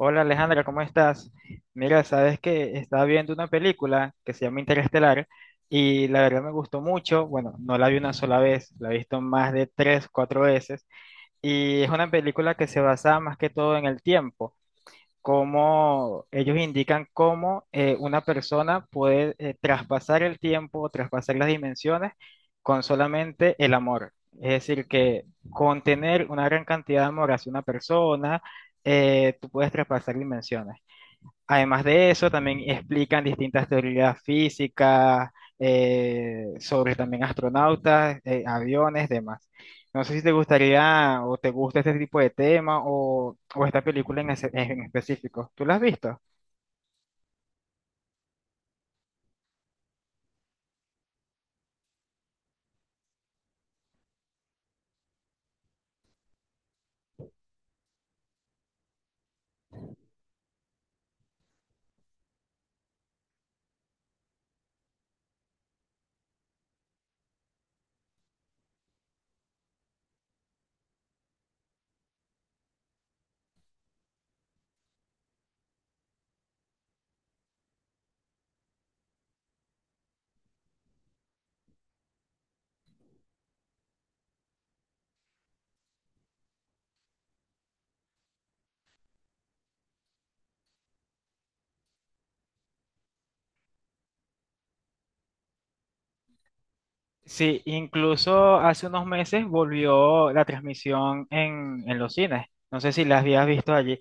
Hola Alejandra, ¿cómo estás? Mira, sabes que estaba viendo una película que se llama Interestelar y la verdad me gustó mucho. Bueno, no la vi una sola vez, la he visto más de tres, cuatro veces y es una película que se basa más que todo en el tiempo cómo ellos indican cómo una persona puede traspasar el tiempo, traspasar las dimensiones con solamente el amor. Es decir, que con tener una gran cantidad de amor hacia una persona, tú puedes traspasar dimensiones. Además de eso, también explican distintas teorías físicas sobre también astronautas, aviones, demás. No sé si te gustaría o te gusta este tipo de tema o esta película en específico. ¿Tú la has visto? Sí, incluso hace unos meses volvió la transmisión en los cines. No sé si la habías visto allí.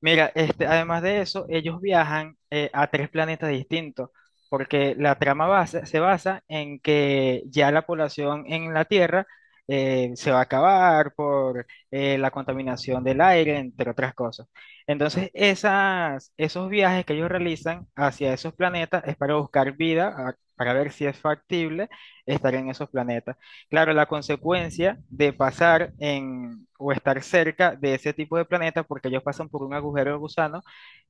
Mira, este, además de eso, ellos viajan a tres planetas distintos, porque la se basa en que ya la población en la Tierra se va a acabar por la contaminación del aire, entre otras cosas. Entonces, esos viajes que ellos realizan hacia esos planetas es para buscar vida, para ver si es factible estar en esos planetas. Claro, la consecuencia de pasar en o estar cerca de ese tipo de planetas, porque ellos pasan por un agujero de gusano,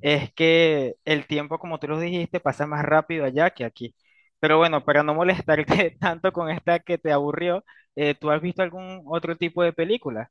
es que el tiempo, como tú lo dijiste, pasa más rápido allá que aquí. Pero bueno, para no molestarte tanto con esta que te aburrió, ¿tú has visto algún otro tipo de película?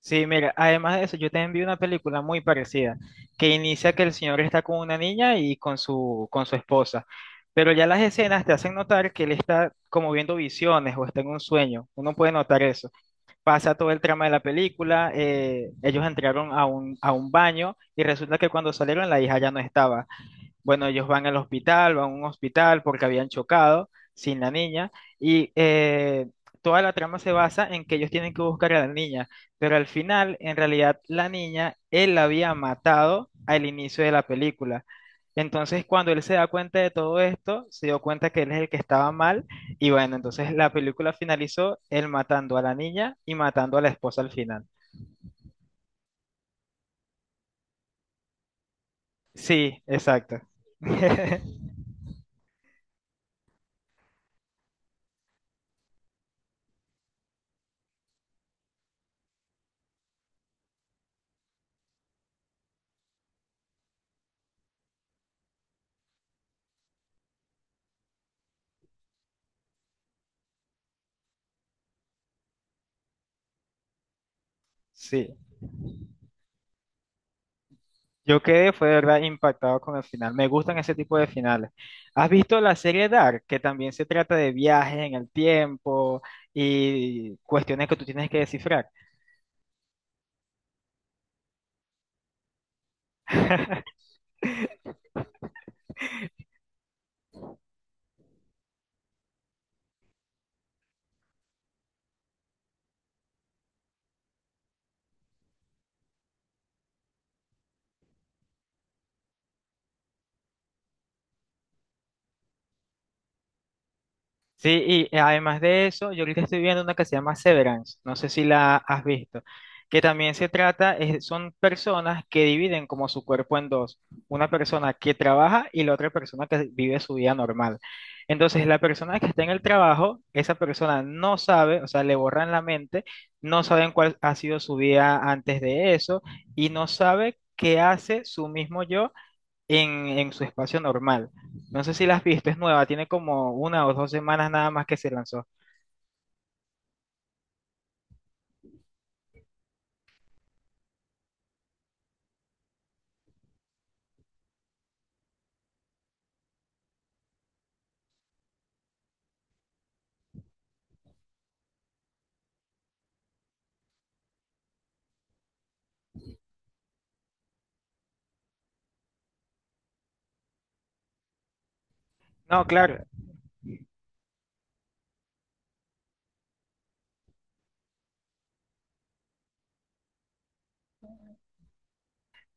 Sí, mira, además de eso, yo te vi una película muy parecida, que inicia que el señor está con una niña y con con su esposa, pero ya las escenas te hacen notar que él está como viendo visiones o está en un sueño, uno puede notar eso. Pasa todo el trama de la película, ellos entraron a a un baño y resulta que cuando salieron la hija ya no estaba. Bueno, ellos van al hospital, van a un hospital porque habían chocado sin la niña y toda la trama se basa en que ellos tienen que buscar a la niña, pero al final, en realidad, la niña, él la había matado al inicio de la película. Entonces, cuando él se da cuenta de todo esto, se dio cuenta que él es el que estaba mal y bueno, entonces la película finalizó él matando a la niña y matando a la esposa al final. Sí, exacto. Sí. Yo quedé, fue de verdad impactado con el final. Me gustan ese tipo de finales. ¿Has visto la serie Dark, que también se trata de viajes en el tiempo y cuestiones que tú tienes que descifrar? Sí, y además de eso, yo ahorita estoy viendo una que se llama Severance, no sé si la has visto, que también se trata, son personas que dividen como su cuerpo en dos, una persona que trabaja y la otra persona que vive su vida normal. Entonces, la persona que está en el trabajo, esa persona no sabe, o sea, le borran la mente, no saben cuál ha sido su vida antes de eso y no sabe qué hace su mismo yo en, en su espacio normal. No sé si la has visto, es nueva, tiene como una o dos semanas nada más que se lanzó. No, claro.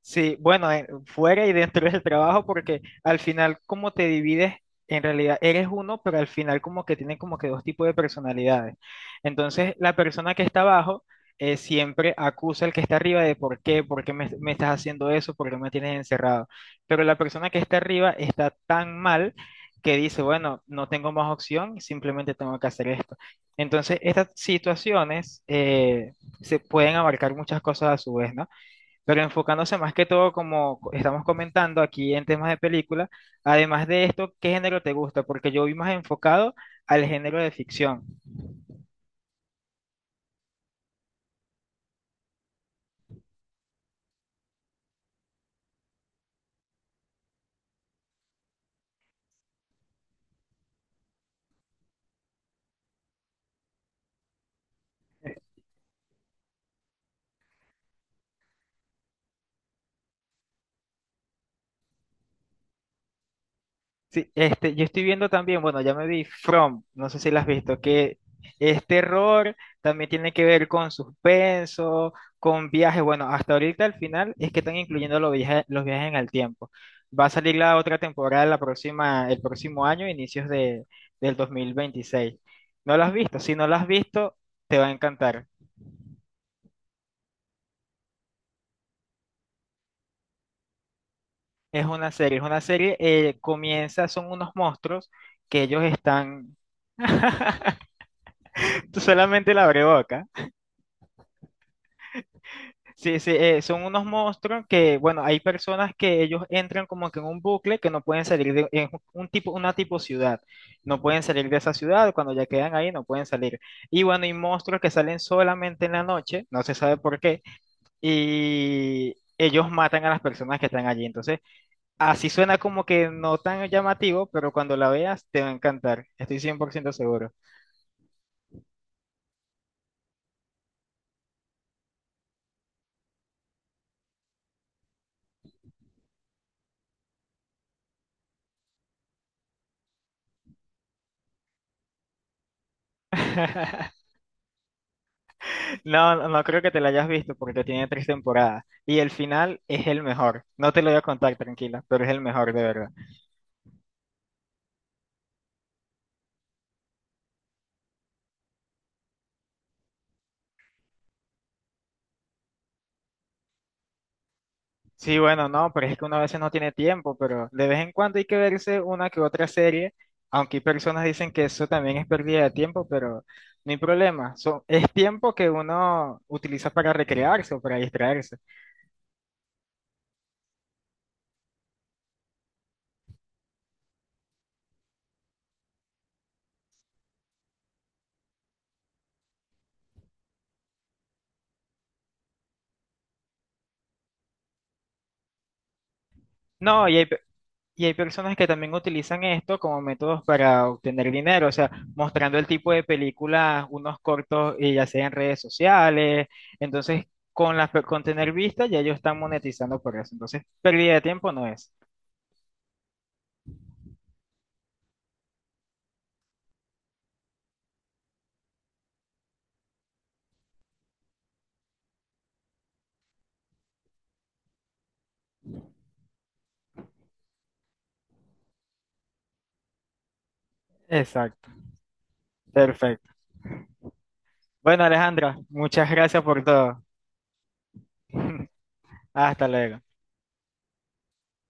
Sí, bueno, fuera y dentro del trabajo, porque al final como te divides, en realidad eres uno, pero al final como que tienen como que dos tipos de personalidades. Entonces, la persona que está abajo siempre acusa al que está arriba de por qué, me estás haciendo eso, por qué me tienes encerrado. Pero la persona que está arriba está tan mal que dice, bueno, no tengo más opción, simplemente tengo que hacer esto. Entonces, estas situaciones se pueden abarcar muchas cosas a su vez, ¿no? Pero enfocándose más que todo, como estamos comentando aquí en temas de película, además de esto, ¿qué género te gusta? Porque yo vi más enfocado al género de ficción. Sí, este, yo estoy viendo también, bueno, ya me vi From, no sé si la has visto, que es terror, también tiene que ver con suspenso, con viajes. Bueno, hasta ahorita al final es que están incluyendo los viajes en el tiempo. Va a salir la otra temporada la próxima, el próximo año, del 2026. ¿No la has visto? Si no la has visto, te va a encantar. Es una serie, comienza, son unos monstruos que ellos están, tú solamente la abre boca. Sí, sí, son unos monstruos que, bueno, hay personas que ellos entran como que en un bucle que no pueden salir de, es un tipo, una tipo ciudad, no pueden salir de esa ciudad, cuando ya quedan ahí no pueden salir. Y bueno, hay monstruos que salen solamente en la noche, no se sabe por qué, y ellos matan a las personas que están allí. Entonces, así suena como que no tan llamativo, pero cuando la veas te va a encantar, estoy 100% seguro. No, no creo que te la hayas visto porque tiene tres temporadas y el final es el mejor. No te lo voy a contar, tranquila, pero es el mejor de verdad. Sí, bueno, no, pero es que uno a veces no tiene tiempo, pero de vez en cuando hay que verse una que otra serie, aunque hay personas dicen que eso también es pérdida de tiempo, pero no hay problema. Son, es tiempo que uno utiliza para recrearse o para distraerse. No, y hay, y hay personas que también utilizan esto como métodos para obtener dinero, o sea, mostrando el tipo de películas, unos cortos, ya sea en redes sociales. Entonces, con con tener vistas, ya ellos están monetizando por eso. Entonces, pérdida de tiempo no es. Exacto, perfecto. Bueno, Alejandra, muchas gracias por todo. Hasta luego.